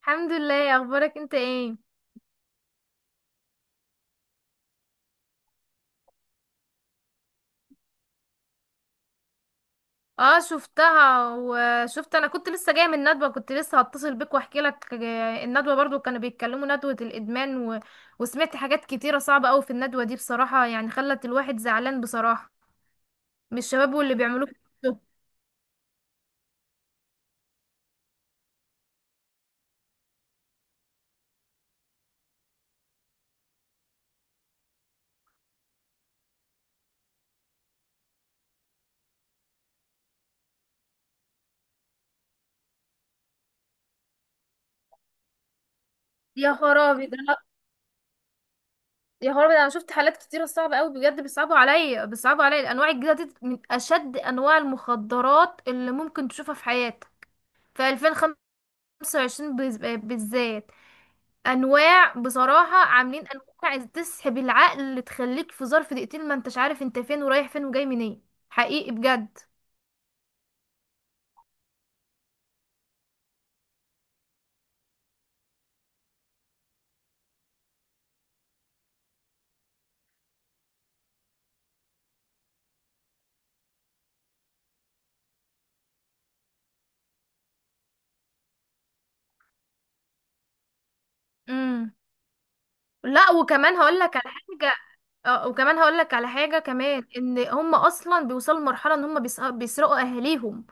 الحمد لله. إيه اخبارك انت؟ ايه اه، شفتها وشفت. انا كنت لسه جايه من ندوه، كنت لسه هتصل بيك واحكي لك. الندوه برضو كانوا بيتكلموا ندوه الادمان وسمعت حاجات كتيره صعبه قوي في الندوه دي بصراحه، يعني خلت الواحد زعلان بصراحه من الشباب واللي بيعملوه في نفسهم. يا خرابي ده أنا- يا خرابي، ده انا شفت حالات كتيره صعبه قوي بجد، بيصعبوا عليا الانواع الجديده دي، من اشد انواع المخدرات اللي ممكن تشوفها في حياتك في 2025 بالذات. انواع بصراحة، عاملين انواع تسحب العقل، تخليك في ظرف دقيقتين ما انتش عارف انت فين ورايح فين وجاي منين. حقيقي بجد. امم لا وكمان هقول لك على حاجة. اه وكمان هقول لك على حاجة كمان، ان هم اصلا بيوصلوا لمرحلة ان هم بيسرقوا اهاليهم.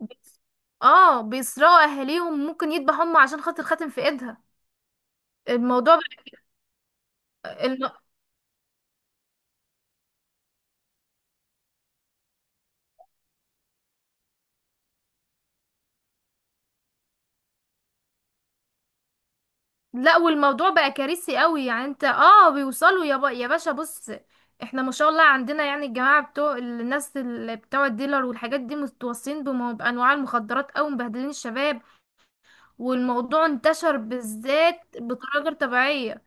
بيس- اه بيسرقوا اهاليهم، ممكن يذبحوا هم عشان خاطر خاتم في ايدها. الموضوع بقى- لا والموضوع بقى كارثي قوي، يعني انت اه، بيوصلوا، يا باشا، بص. احنا ما شاء الله عندنا، يعني الجماعة بتوع الناس اللي بتوع الديلر والحاجات دي متوصين بأنواع المخدرات، او مبهدلين الشباب، والموضوع انتشر بالذات بطريقة غير طبيعية.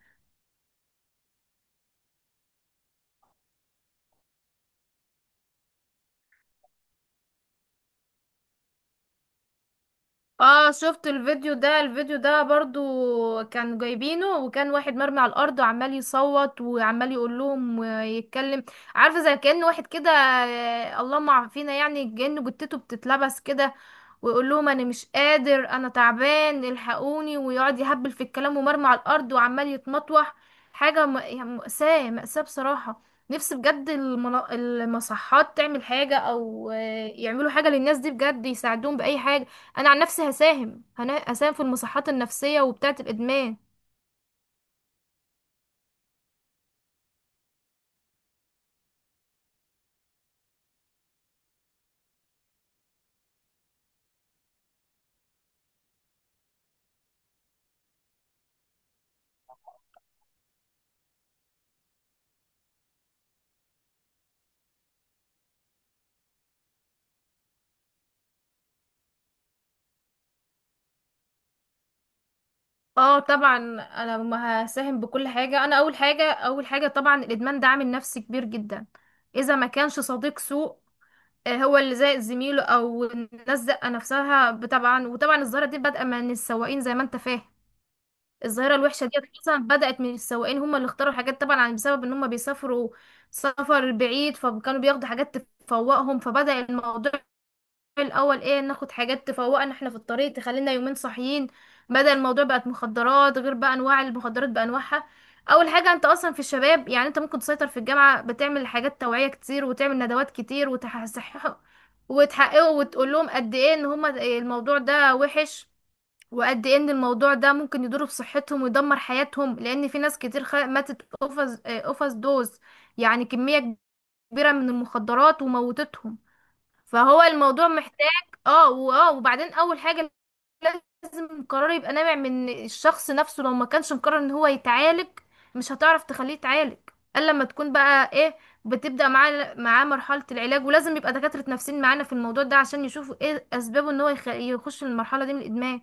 اه شفت الفيديو ده. الفيديو ده برضو كان جايبينه، وكان واحد مرمي على الارض وعمال يصوت وعمال يقول لهم ويتكلم. عارفه، زي كأن واحد كده، اللهم عافينا، يعني كأنه جتته بتتلبس كده، ويقول لهم انا مش قادر انا تعبان الحقوني، ويقعد يهبل في الكلام ومرمي على الارض وعمال يتمطوح. يعني مأساة مأساة بصراحه. نفسي بجد المصحات تعمل حاجه، او يعملوا حاجه للناس دي بجد، يساعدوهم بأي حاجه. انا عن نفسي هساهم هساهم في المصحات النفسية وبتاعة الادمان. اه طبعا، انا ما هساهم بكل حاجة. انا اول حاجة، اول حاجة طبعا الادمان ده عامل نفسي كبير جدا، اذا ما كانش صديق سوء، هو اللي زائد زميله، او الناس زقة نفسها طبعا. وطبعا الظاهرة دي بادئة من السواقين، زي ما انت فاهم. الظاهرة الوحشة دي اصلا بدأت من السواقين، هم اللي اختاروا حاجات طبعا، بسبب ان هم بيسافروا سفر بعيد، فكانوا بياخدوا حاجات تفوقهم. فبدأ الموضوع الاول ايه، ناخد حاجات تفوقنا احنا في الطريق تخلينا يومين صاحيين، بدل الموضوع بقت مخدرات. غير بقى انواع المخدرات بانواعها. اول حاجه انت اصلا في الشباب، يعني انت ممكن تسيطر في الجامعه، بتعمل حاجات توعيه كتير وتعمل ندوات كتير وتصححوا وتحققوا وتقول لهم قد ايه ان هما الموضوع ده وحش، وقد ايه ان الموضوع ده ممكن يضر بصحتهم ويدمر حياتهم، لان في ناس كتير ماتت اوفر دوز، يعني كميه كبيره من المخدرات وموتتهم. فهو الموضوع محتاج. اه واه، وبعدين اول حاجة لازم القرار يبقى نابع من الشخص نفسه، لو ما كانش مقرر ان هو يتعالج، مش هتعرف تخليه يتعالج، الا لما تكون بقى ايه، بتبدأ معاه مرحلة العلاج. ولازم يبقى دكاترة نفسيين معانا في الموضوع ده، عشان يشوفوا ايه اسبابه ان هو يخش المرحلة دي من الادمان.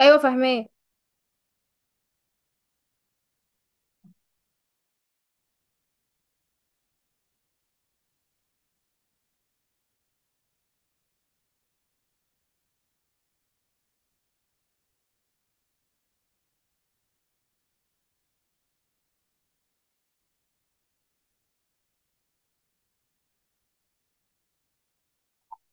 ايوه فاهمه.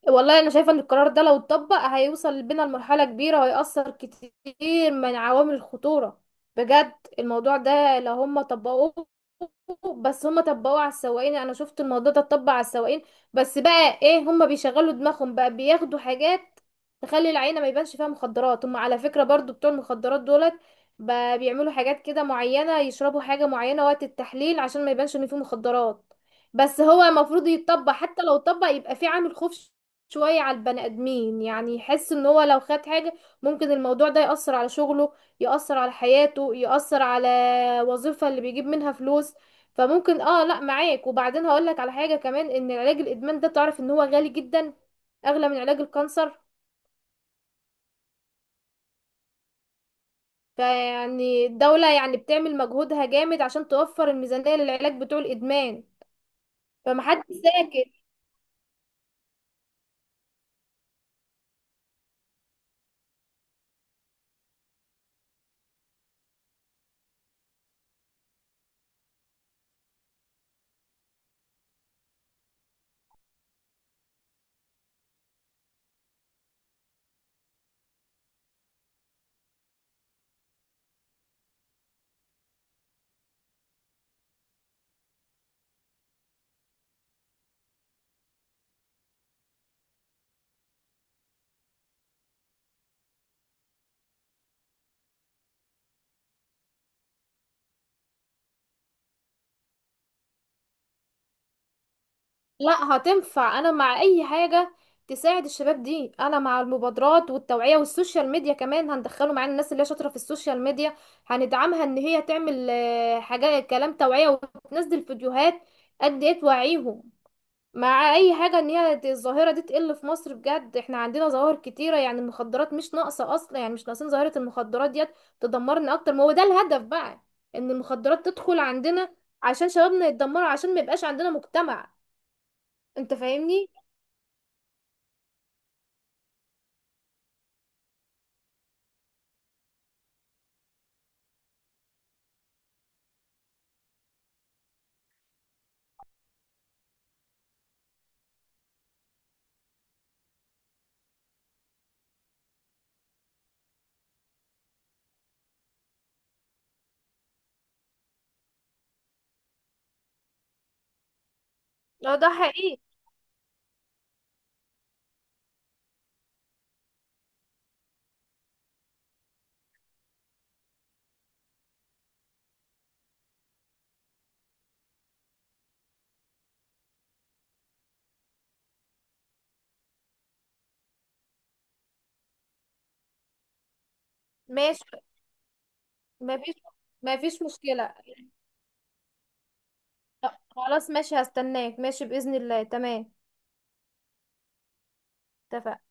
والله انا شايفه ان القرار ده لو اتطبق هيوصل بينا لمرحله كبيره، وهيأثر كتير من عوامل الخطوره بجد. الموضوع ده لو هم طبقوه، بس هم طبقوه على السواقين. انا شفت الموضوع ده اتطبق على السواقين، بس بقى ايه، هم بيشغلوا دماغهم بقى بياخدوا حاجات تخلي العينه ما يبانش فيها مخدرات. هم على فكره برضو بتوع المخدرات دولت بقى بيعملوا حاجات كده معينه، يشربوا حاجه معينه وقت التحليل عشان ما يبانش ان فيه مخدرات. بس هو المفروض يتطبق، حتى لو اتطبق يبقى في عامل خوف شوية على البني آدمين، يعني يحس ان هو لو خد حاجة ممكن الموضوع ده يأثر على شغله، يأثر على حياته، يأثر على وظيفة اللي بيجيب منها فلوس. فممكن اه، لا معاك. وبعدين هقولك على حاجة كمان، ان علاج الإدمان ده تعرف ان هو غالي جدا، أغلى من علاج الكانسر. فيعني الدولة يعني بتعمل مجهودها جامد عشان توفر الميزانية للعلاج بتوع الإدمان، فمحدش ساكت. لا هتنفع، انا مع اي حاجة تساعد الشباب دي. انا مع المبادرات والتوعية والسوشيال ميديا كمان، هندخله معانا الناس اللي هي شاطرة في السوشيال ميديا، هندعمها ان هي تعمل حاجات، كلام توعية وتنزل فيديوهات قد ايه توعيهم. مع اي حاجة ان هي الظاهرة دي تقل في مصر بجد. احنا عندنا ظواهر كتيرة يعني، المخدرات مش ناقصة اصلا، يعني مش ناقصين ظاهرة المخدرات ديت تدمرنا اكتر. ما هو ده الهدف بقى، ان المخدرات تدخل عندنا عشان شبابنا يتدمروا، عشان ما يبقاش عندنا مجتمع. انت فاهمني؟ لا ده حقيقي. ماشي. مفيش مفيش مشكلة. طب خلاص، ماشي هستناك، ماشي بإذن الله. تمام. اتفقنا.